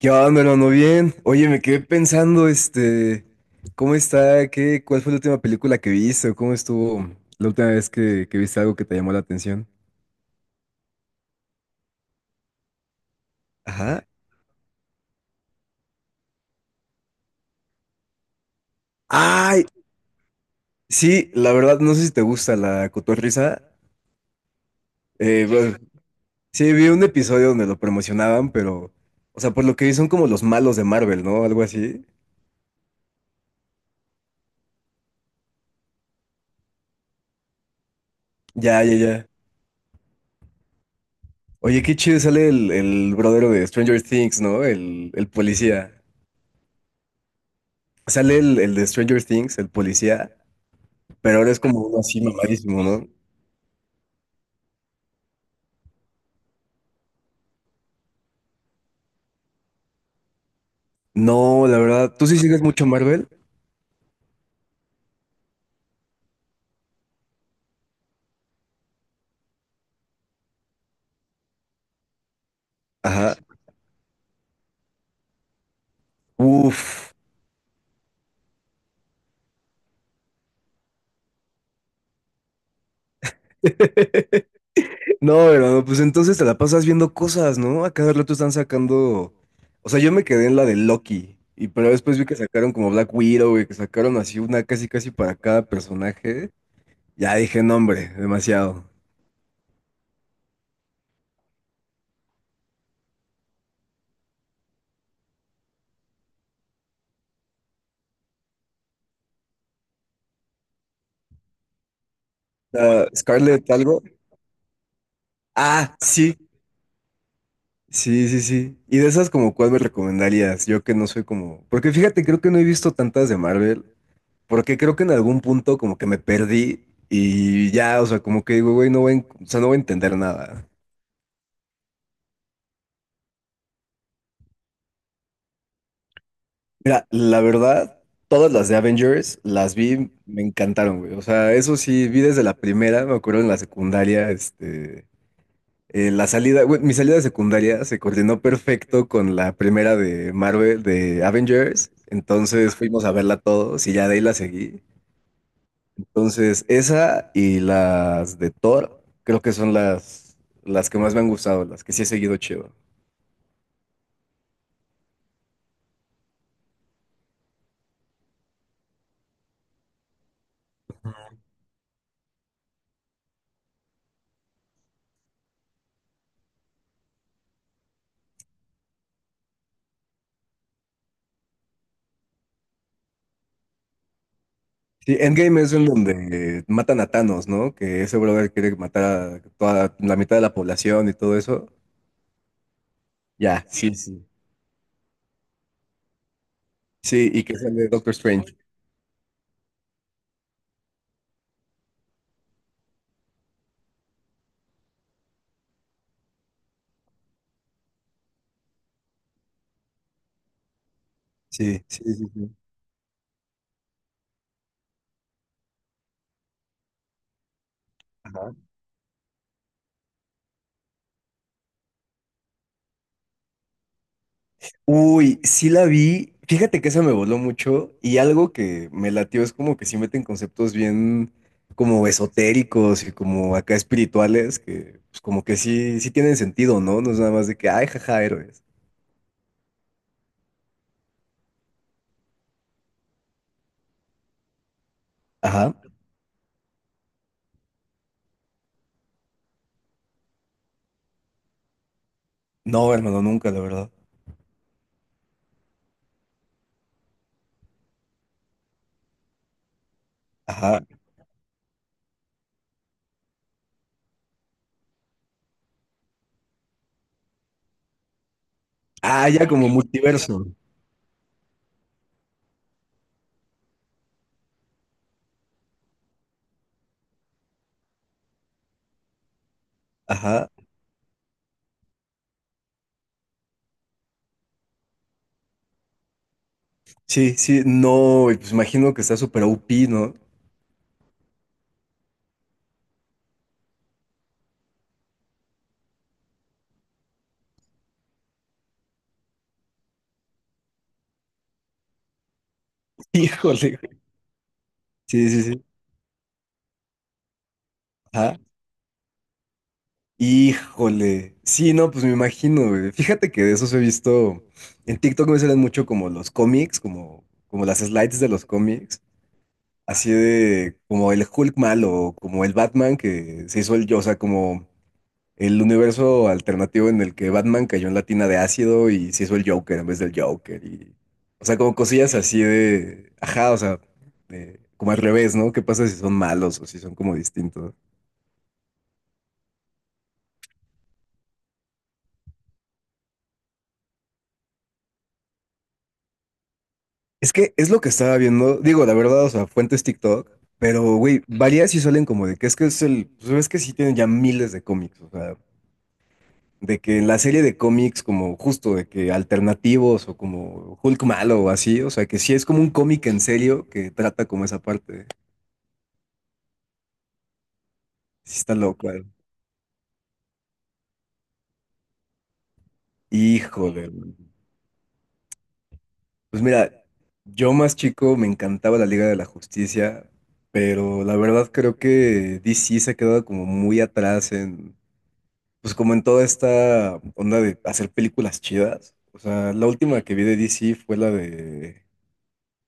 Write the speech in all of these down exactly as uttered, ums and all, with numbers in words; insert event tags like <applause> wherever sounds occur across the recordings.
¿Qué onda, hermano? Bien. Oye, me quedé pensando, este, ¿cómo está? ¿Qué, ¿cuál fue la última película que viste? ¿O ¿Cómo estuvo la última vez que, que viste algo que te llamó la atención? Ajá. Ay, sí, la verdad, no sé si te gusta la cotorrisa. Eh, bueno, sí, vi un episodio donde lo promocionaban, pero, o sea, por lo que vi son como los malos de Marvel, ¿no? Algo así. Ya, ya, ya. Oye, qué chido sale el, el brother de Stranger Things, ¿no? El, el policía. Sale el, el de Stranger Things, el policía. Pero ahora es como uno así mamadísimo, ¿no? No, la verdad, ¿tú sí sigues mucho Marvel? Ajá. Uf. <laughs> No, hermano, pues entonces te la pasas viendo cosas, ¿no? A cada rato están sacando. O sea, yo me quedé en la de Loki. Y pero después vi que sacaron como Black Widow, y que sacaron así una casi casi para cada personaje. Ya dije, no, hombre, demasiado. Ah, Scarlett algo. Ah, sí. Sí, sí, sí. Y de esas como cuál me recomendarías, yo que no soy como. Porque fíjate, creo que no he visto tantas de Marvel. Porque creo que en algún punto como que me perdí y ya, o sea, como que digo, güey, no voy, a en- o sea, no voy a entender nada. Mira, la verdad, todas las de Avengers las vi, me encantaron, güey. O sea, eso sí, vi desde la primera, me acuerdo en la secundaria, este, eh, la salida, güey, mi salida de secundaria se coordinó perfecto con la primera de Marvel, de Avengers. Entonces fuimos a verla todos y ya de ahí la seguí. Entonces, esa y las de Thor, creo que son las, las que más me han gustado, las que sí he seguido chido. Sí, Endgame es en donde matan a Thanos, ¿no? Que ese brother quiere matar a toda la mitad de la población y todo eso. Ya, sí, sí. Sí, y que sale Doctor Strange. Sí, sí, sí, sí. Ajá. Uy, sí la vi. Fíjate que esa me voló mucho y algo que me latió es como que sí meten conceptos bien como esotéricos y como acá espirituales que pues como que sí, sí tienen sentido, ¿no? No es nada más de que, ay, jaja, héroes. Ajá. No, hermano, nunca, la verdad. Ajá. Ah, ya como multiverso. Ajá. Sí, sí, no, y pues imagino que está súper O P, ¿no? <laughs> Híjole. güey. Sí, sí, sí. Ajá. Híjole. Sí, no, pues me imagino, güey. Fíjate que de esos he visto. En TikTok me salen mucho como los cómics, como, como las slides de los cómics. Así de como el Hulk malo, o como el Batman que se hizo el yo, o sea, como el universo alternativo en el que Batman cayó en la tina de ácido y se hizo el Joker en vez del Joker. Y, o sea, como cosillas así de. Ajá, o sea, de- como al revés, ¿no? ¿Qué pasa si son malos o si son como distintos? Es que es lo que estaba viendo, digo, la verdad, o sea, fuentes TikTok, pero, güey, varias sí salen como de que es que es el, pues ves que sí tienen ya miles de cómics, o sea, de que la serie de cómics como justo de que alternativos o como Hulk malo o así, o sea, que sí es como un cómic en serio que trata como esa parte, sí está loco, güey. híjole, güey. pues mira, yo más chico me encantaba la Liga de la Justicia, pero la verdad creo que D C se ha quedado como muy atrás en pues como en toda esta onda de hacer películas chidas. O sea, la última que vi de D C fue la de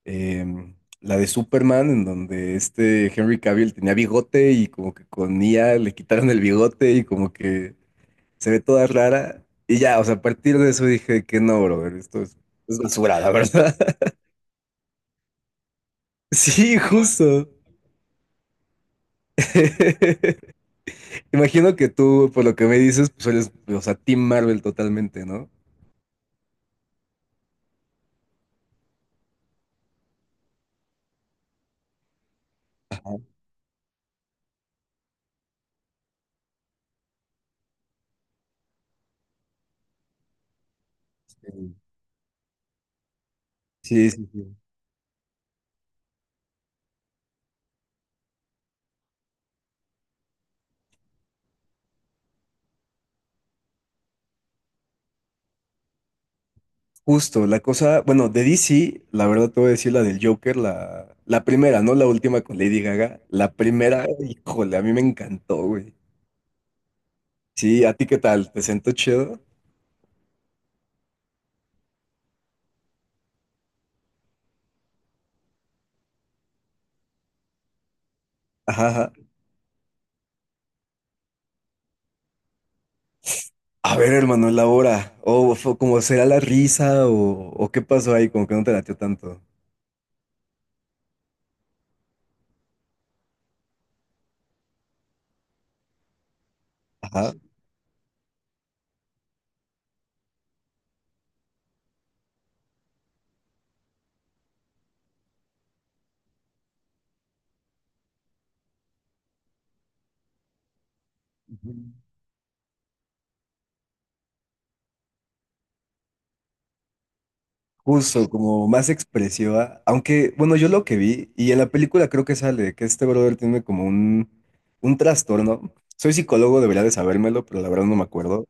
em, la de Superman, en donde este Henry Cavill tenía bigote y como que con I A le quitaron el bigote y como que se ve toda rara. Y ya, o sea, a partir de eso dije que no, brother, esto es, es basura, la verdad. <laughs> Sí, justo. <laughs> Imagino que tú, por lo que me dices, pues eres, o sea, Team Marvel totalmente, ¿no? Sí, sí, sí. Justo, la cosa, bueno, de D C, la verdad te voy a decir la del Joker, la, la primera, no la última con Lady Gaga, la primera, híjole, a mí me encantó, güey. Sí, ¿a ti qué tal? ¿Te sentó chido? Ajá, ajá. A ver, hermano, la hora, o fue como será la risa, o, o qué pasó ahí, como que no te latió tanto. Ajá. Ujú. Justo, como más expresiva, aunque, bueno, yo lo que vi, y en la película creo que sale, que este brother tiene como un, un trastorno. Soy psicólogo, debería de sabérmelo, pero la verdad no me acuerdo.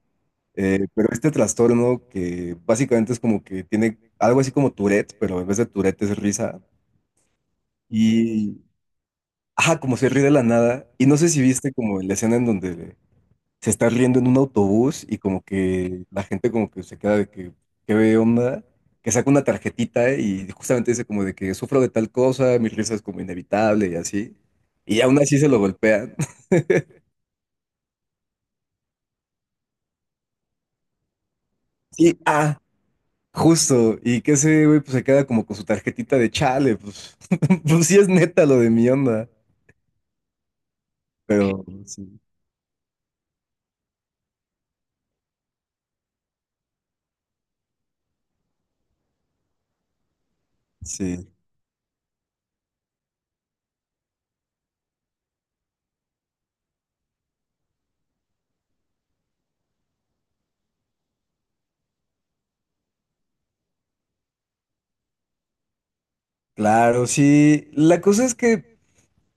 Eh, pero este trastorno que básicamente es como que tiene algo así como Tourette, pero en vez de Tourette es risa. Y, ajá, como se ríe de la nada. Y no sé si viste como la escena en donde se está riendo en un autobús y como que la gente como que se queda de que, ¿qué ve onda? Que saca una tarjetita y justamente dice como de que sufro de tal cosa, mi risa es como inevitable y así. Y aún así se lo golpean. <laughs> Sí, ah, Justo, y que ese güey pues se queda como con su tarjetita de chale, pues, <laughs> pues sí es neta lo de mi onda, pero sí, sí, claro, sí, la cosa es que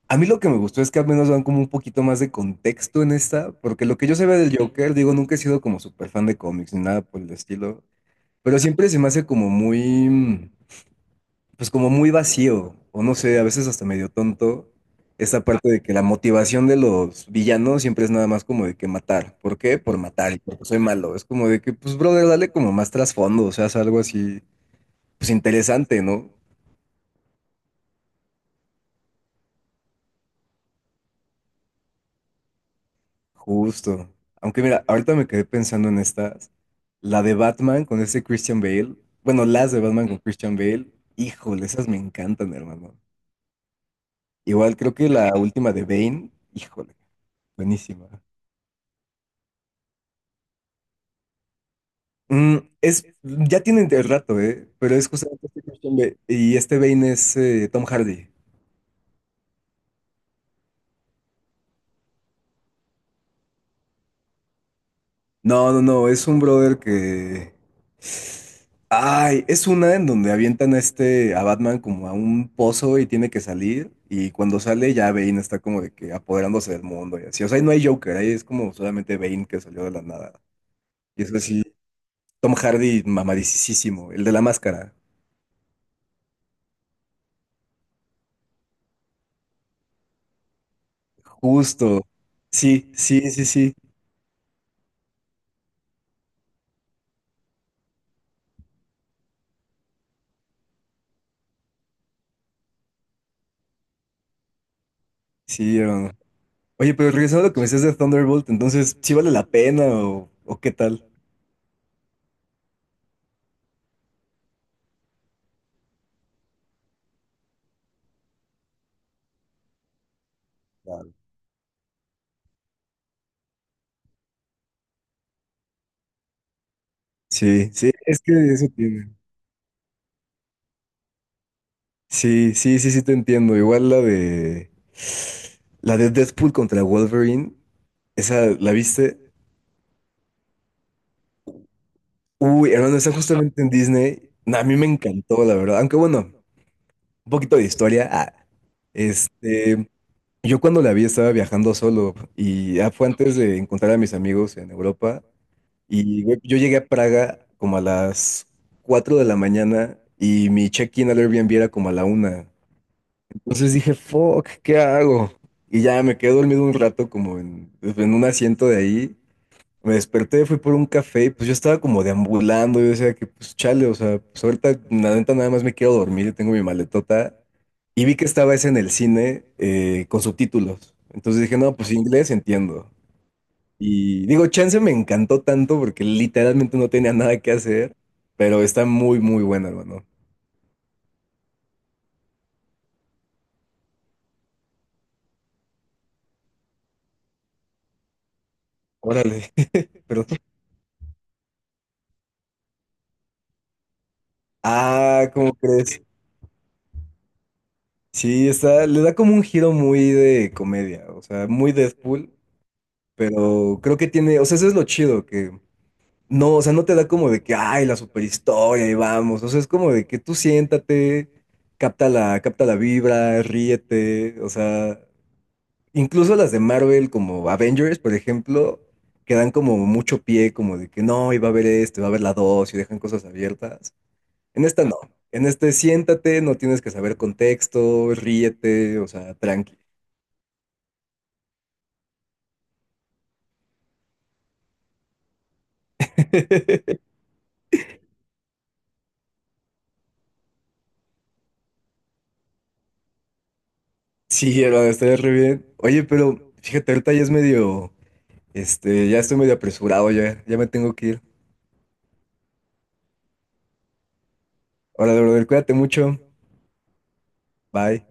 a mí lo que me gustó es que al menos dan como un poquito más de contexto en esta, porque lo que yo sabía del Joker, digo, nunca he sido como súper fan de cómics ni nada por el estilo, pero siempre se me hace como muy, mm, pues como muy vacío, o no sé, a veces hasta medio tonto, esta parte de que la motivación de los villanos siempre es nada más como de que matar. ¿Por qué? Por matar y porque soy malo. Es como de que, pues, brother, dale como más trasfondo, o sea, haz algo así, pues interesante, ¿no? Justo. Aunque mira, ahorita me quedé pensando en estas. La de Batman con ese Christian Bale. Bueno, las de Batman con Christian Bale. Híjole, esas me encantan, hermano. Igual creo que la última de Bane, híjole, buenísima. Mm, es, ya tienen el rato, ¿eh? Pero es justamente este Christian Bale. Y este Bane es eh, Tom Hardy. No, no, no, es un brother que... Ay, es una en donde avientan a este, a Batman como a un pozo y tiene que salir. Y cuando sale ya Bane está como de que apoderándose del mundo y así. O sea, ahí no hay Joker, ahí es como solamente Bane que salió de la nada. Y es así, Tom Hardy mamadisísimo, el de la máscara. Justo. Sí, sí, sí, sí. Sí. Oye, pero regresando a lo que me decías de Thunderbolt, entonces, ¿sí vale la pena o, o qué tal? Claro. Sí, sí, es que eso tiene. Sí, sí, sí, sí te entiendo. Igual la de la de Deadpool contra Wolverine, esa la viste. Uy, hermano, está justamente en Disney. Nah, a mí me encantó, la verdad. Aunque bueno, un poquito de historia. Ah, este, yo cuando la vi estaba viajando solo y ya fue antes de encontrar a mis amigos en Europa. Y güey, yo llegué a Praga como a las cuatro de la mañana y mi check-in al Airbnb era como a la una. Entonces dije, fuck, ¿qué hago? Y ya me quedé dormido un rato como en, en un asiento de ahí me desperté, fui por un café y pues yo estaba como deambulando. Yo decía que pues chale, o sea, pues ahorita la neta nada más me quiero dormir, yo tengo mi maletota. Y vi que estaba ese en el cine eh, con subtítulos. Entonces dije, no, pues inglés entiendo. Y digo, chance me encantó tanto porque literalmente no tenía nada que hacer, pero está muy, muy buena, hermano. Órale, <laughs> pero... Ah, ¿cómo crees? Sí, está, le da como un giro muy de comedia, o sea, muy Deadpool, pero creo que tiene, o sea, eso es lo chido, que No, o sea, no te da como de que, ay, la superhistoria, y vamos. O sea, es como de que tú siéntate, capta la, capta la vibra, ríete. O sea, incluso las de Marvel, como Avengers, por ejemplo, que dan como mucho pie, como de que no, iba a haber este, va a haber la dos, y dejan cosas abiertas. En esta no. En este siéntate, no tienes que saber contexto, ríete, o sea, tranqui. <laughs> Sí, hermano, estaría re bien. Oye, pero fíjate, ahorita ya es medio. Este, ya estoy medio apresurado, ya, ya me tengo que ir. Hola, brother, cuídate mucho. Bye.